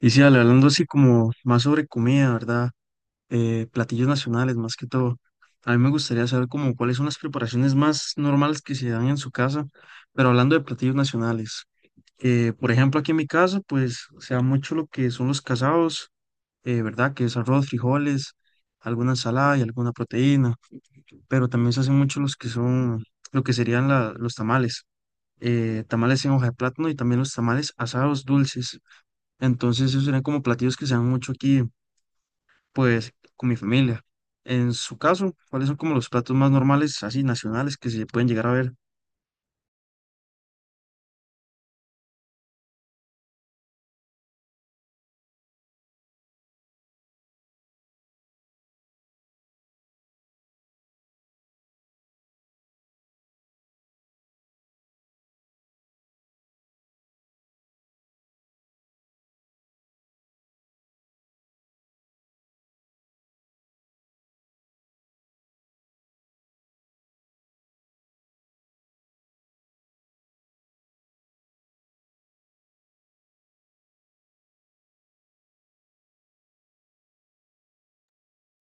Y sí, Ale, hablando así como más sobre comida, ¿verdad? Platillos nacionales más que todo. A mí me gustaría saber como cuáles son las preparaciones más normales que se dan en su casa, pero hablando de platillos nacionales. Por ejemplo, aquí en mi casa, pues se da mucho lo que son los casados, ¿verdad? Que es arroz, frijoles, alguna ensalada y alguna proteína, pero también se hacen mucho los que son, lo que serían los tamales. Tamales en hoja de plátano y también los tamales asados dulces. Entonces, esos serían como platillos que se dan mucho aquí pues con mi familia. En su caso, ¿cuáles son como los platos más normales, así nacionales, que se pueden llegar a ver?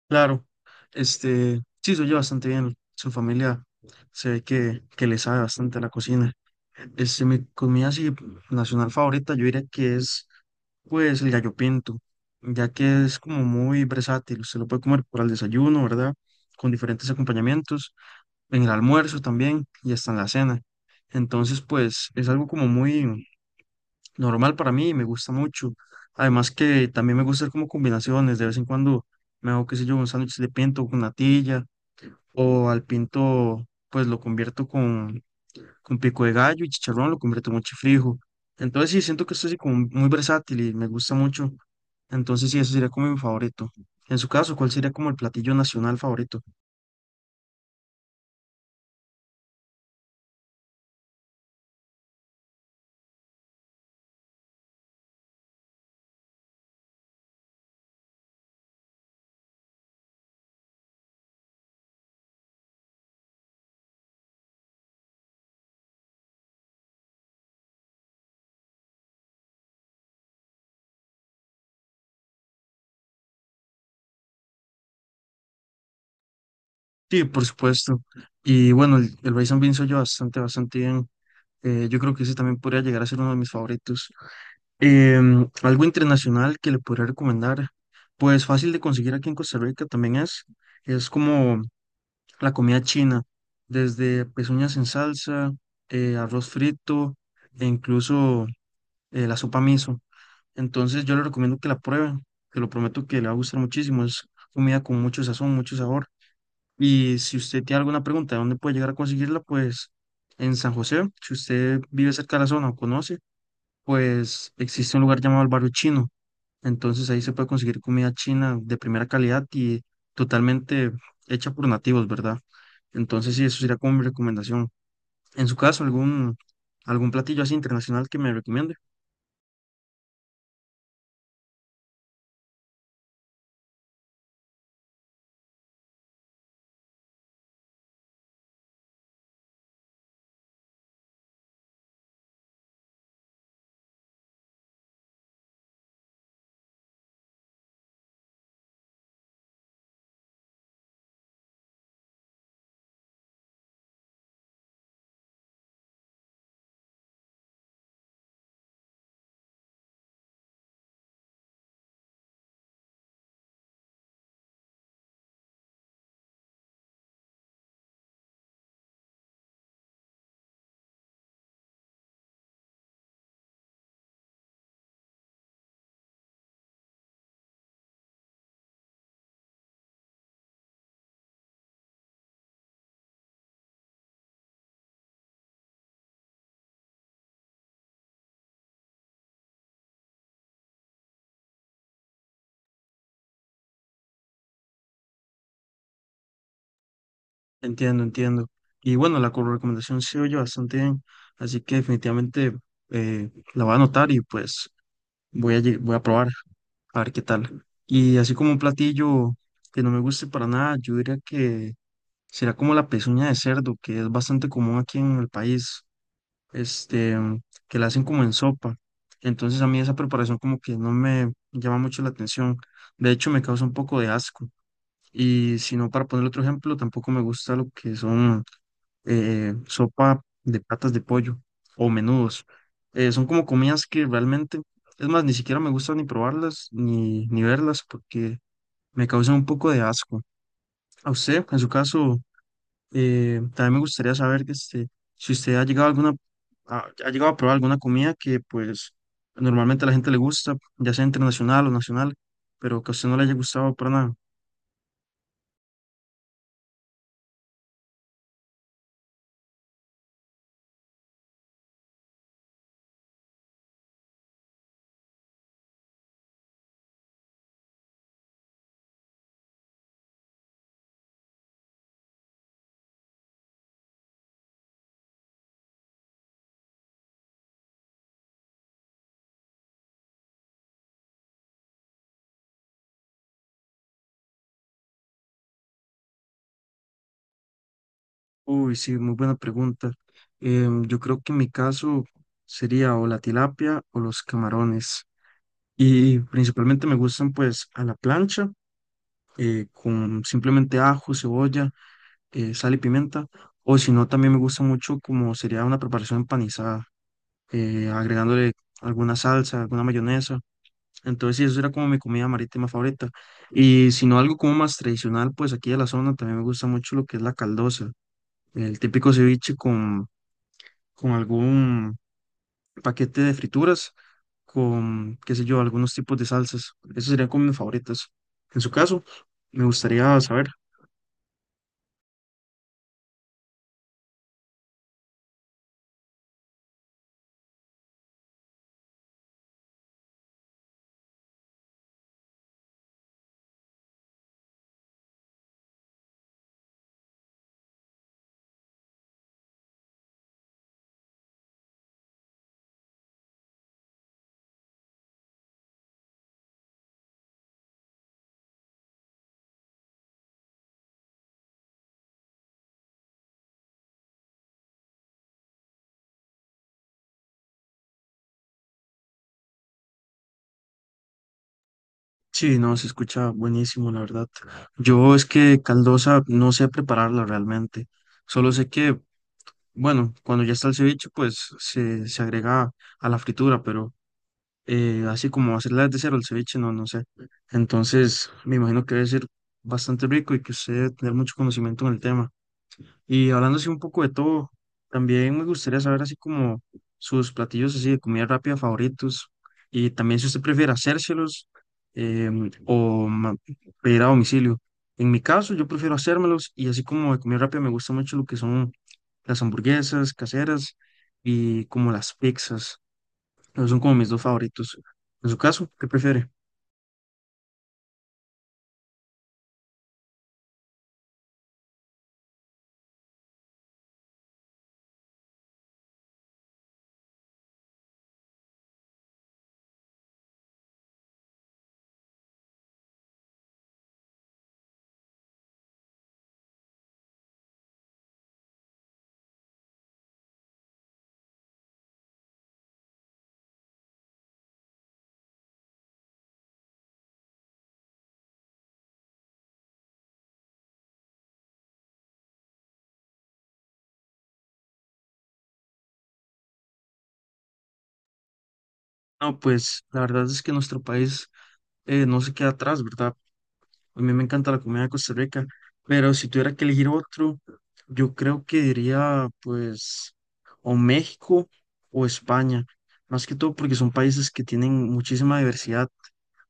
Claro, este, sí, se oye bastante bien. Su familia se ve que le sabe bastante a la cocina. Este, mi comida así nacional favorita, yo diría que es pues el gallo pinto, ya que es como muy versátil, se lo puede comer para el desayuno, ¿verdad? Con diferentes acompañamientos, en el almuerzo también y hasta en la cena. Entonces, pues es algo como muy, normal para mí, me gusta mucho. Además que también me gusta hacer como combinaciones, de vez en cuando me hago, qué sé yo, un sándwich de pinto con natilla o al pinto pues lo convierto con pico de gallo y chicharrón, lo convierto en chifrijo. Entonces sí, siento que estoy así como muy versátil y me gusta mucho. Entonces sí, eso sería como mi favorito. En su caso, ¿cuál sería como el platillo nacional favorito? Sí, por supuesto. Y bueno, el rice and beans soy yo bastante, bastante bien. Yo creo que ese también podría llegar a ser uno de mis favoritos. Algo internacional que le podría recomendar, pues fácil de conseguir aquí en Costa Rica también es como la comida china, desde pezuñas en salsa, arroz frito e incluso la sopa miso. Entonces yo le recomiendo que la prueben, te lo prometo que le va a gustar muchísimo, es comida con mucho sazón, mucho sabor. Y si usted tiene alguna pregunta de dónde puede llegar a conseguirla, pues en San José, si usted vive cerca de la zona o conoce, pues existe un lugar llamado el Barrio Chino, entonces ahí se puede conseguir comida china de primera calidad y totalmente hecha por nativos, ¿verdad? Entonces sí, eso sería como mi recomendación. En su caso, algún, algún platillo así internacional que me recomiende. Entiendo, entiendo. Y bueno, la recomendación se oye bastante bien, así que definitivamente eh, la voy a anotar y pues voy a, voy a probar a ver qué tal. Y así como un platillo que no me guste para nada, yo diría que será como la pezuña de cerdo, que es bastante común aquí en el país. Este, que la hacen como en sopa. Entonces a mí esa preparación como que no me llama mucho la atención. De hecho, me causa un poco de asco. Y si no, para poner otro ejemplo, tampoco me gusta lo que son sopa de patas de pollo o menudos. Son como comidas que realmente, es más, ni siquiera me gusta ni probarlas ni, ni verlas porque me causan un poco de asco. A usted, en su caso, también me gustaría saber que este, si usted ha llegado a alguna, ha, ha llegado a probar alguna comida que pues normalmente a la gente le gusta, ya sea internacional o nacional, pero que a usted no le haya gustado para nada. Uy, sí, muy buena pregunta. Yo creo que en mi caso sería o la tilapia o los camarones. Y principalmente me gustan pues a la plancha, con simplemente ajo, cebolla, sal y pimienta. O si no, también me gusta mucho como sería una preparación empanizada agregándole alguna salsa, alguna mayonesa. Entonces, sí, eso era como mi comida marítima favorita. Y si no, algo como más tradicional, pues aquí de la zona también me gusta mucho lo que es la caldosa, el típico ceviche con algún paquete de frituras, con, qué sé yo, algunos tipos de salsas. Esos serían como mis favoritas. En su caso, me gustaría saber. Sí, no, se escucha buenísimo, la verdad. Yo es que caldosa no sé prepararla realmente. Solo sé que bueno, cuando ya está el ceviche, pues se agrega a la fritura, pero así como hacerla desde cero el ceviche, no, no sé. Entonces, me imagino que debe ser bastante rico y que usted debe tener mucho conocimiento en el tema. Y hablando así un poco de todo, también me gustaría saber así como sus platillos así de comida rápida favoritos y también si usted prefiere hacérselos o pedir a domicilio. En mi caso, yo prefiero hacérmelos y así como de comida rápida me gusta mucho lo que son las hamburguesas caseras y como las pizzas. Esos son como mis dos favoritos. En su caso, ¿qué prefiere? No, pues la verdad es que nuestro país no se queda atrás, ¿verdad? A mí me encanta la comida de Costa Rica, pero si tuviera que elegir otro, yo creo que diría pues o México o España, más que todo porque son países que tienen muchísima diversidad,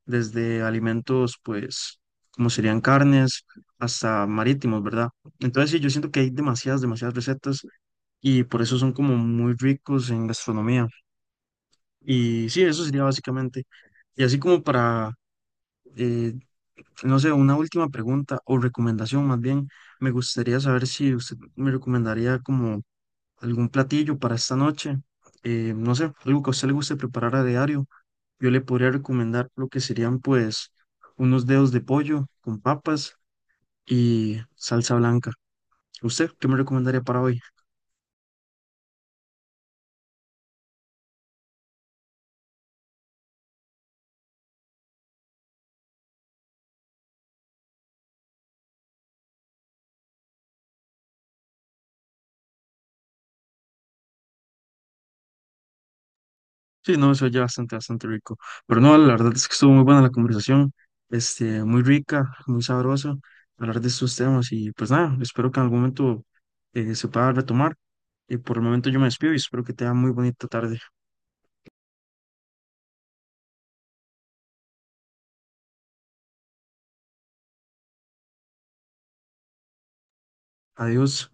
desde alimentos pues como serían carnes hasta marítimos, ¿verdad? Entonces sí, yo siento que hay demasiadas, demasiadas recetas y por eso son como muy ricos en gastronomía. Y sí, eso sería básicamente. Y así como para eh, no sé, una última pregunta o recomendación más bien. Me gustaría saber si usted me recomendaría como algún platillo para esta noche. No sé, algo que a usted le guste preparar a diario. Yo le podría recomendar lo que serían pues unos dedos de pollo con papas y salsa blanca. ¿Usted qué me recomendaría para hoy? Sí, no, eso ya bastante, bastante rico. Pero no, la verdad es que estuvo muy buena la conversación, este, muy rica, muy sabrosa, hablar de estos temas y pues nada, espero que en algún momento se pueda retomar. Y por el momento yo me despido y espero que tenga muy bonita tarde. Adiós.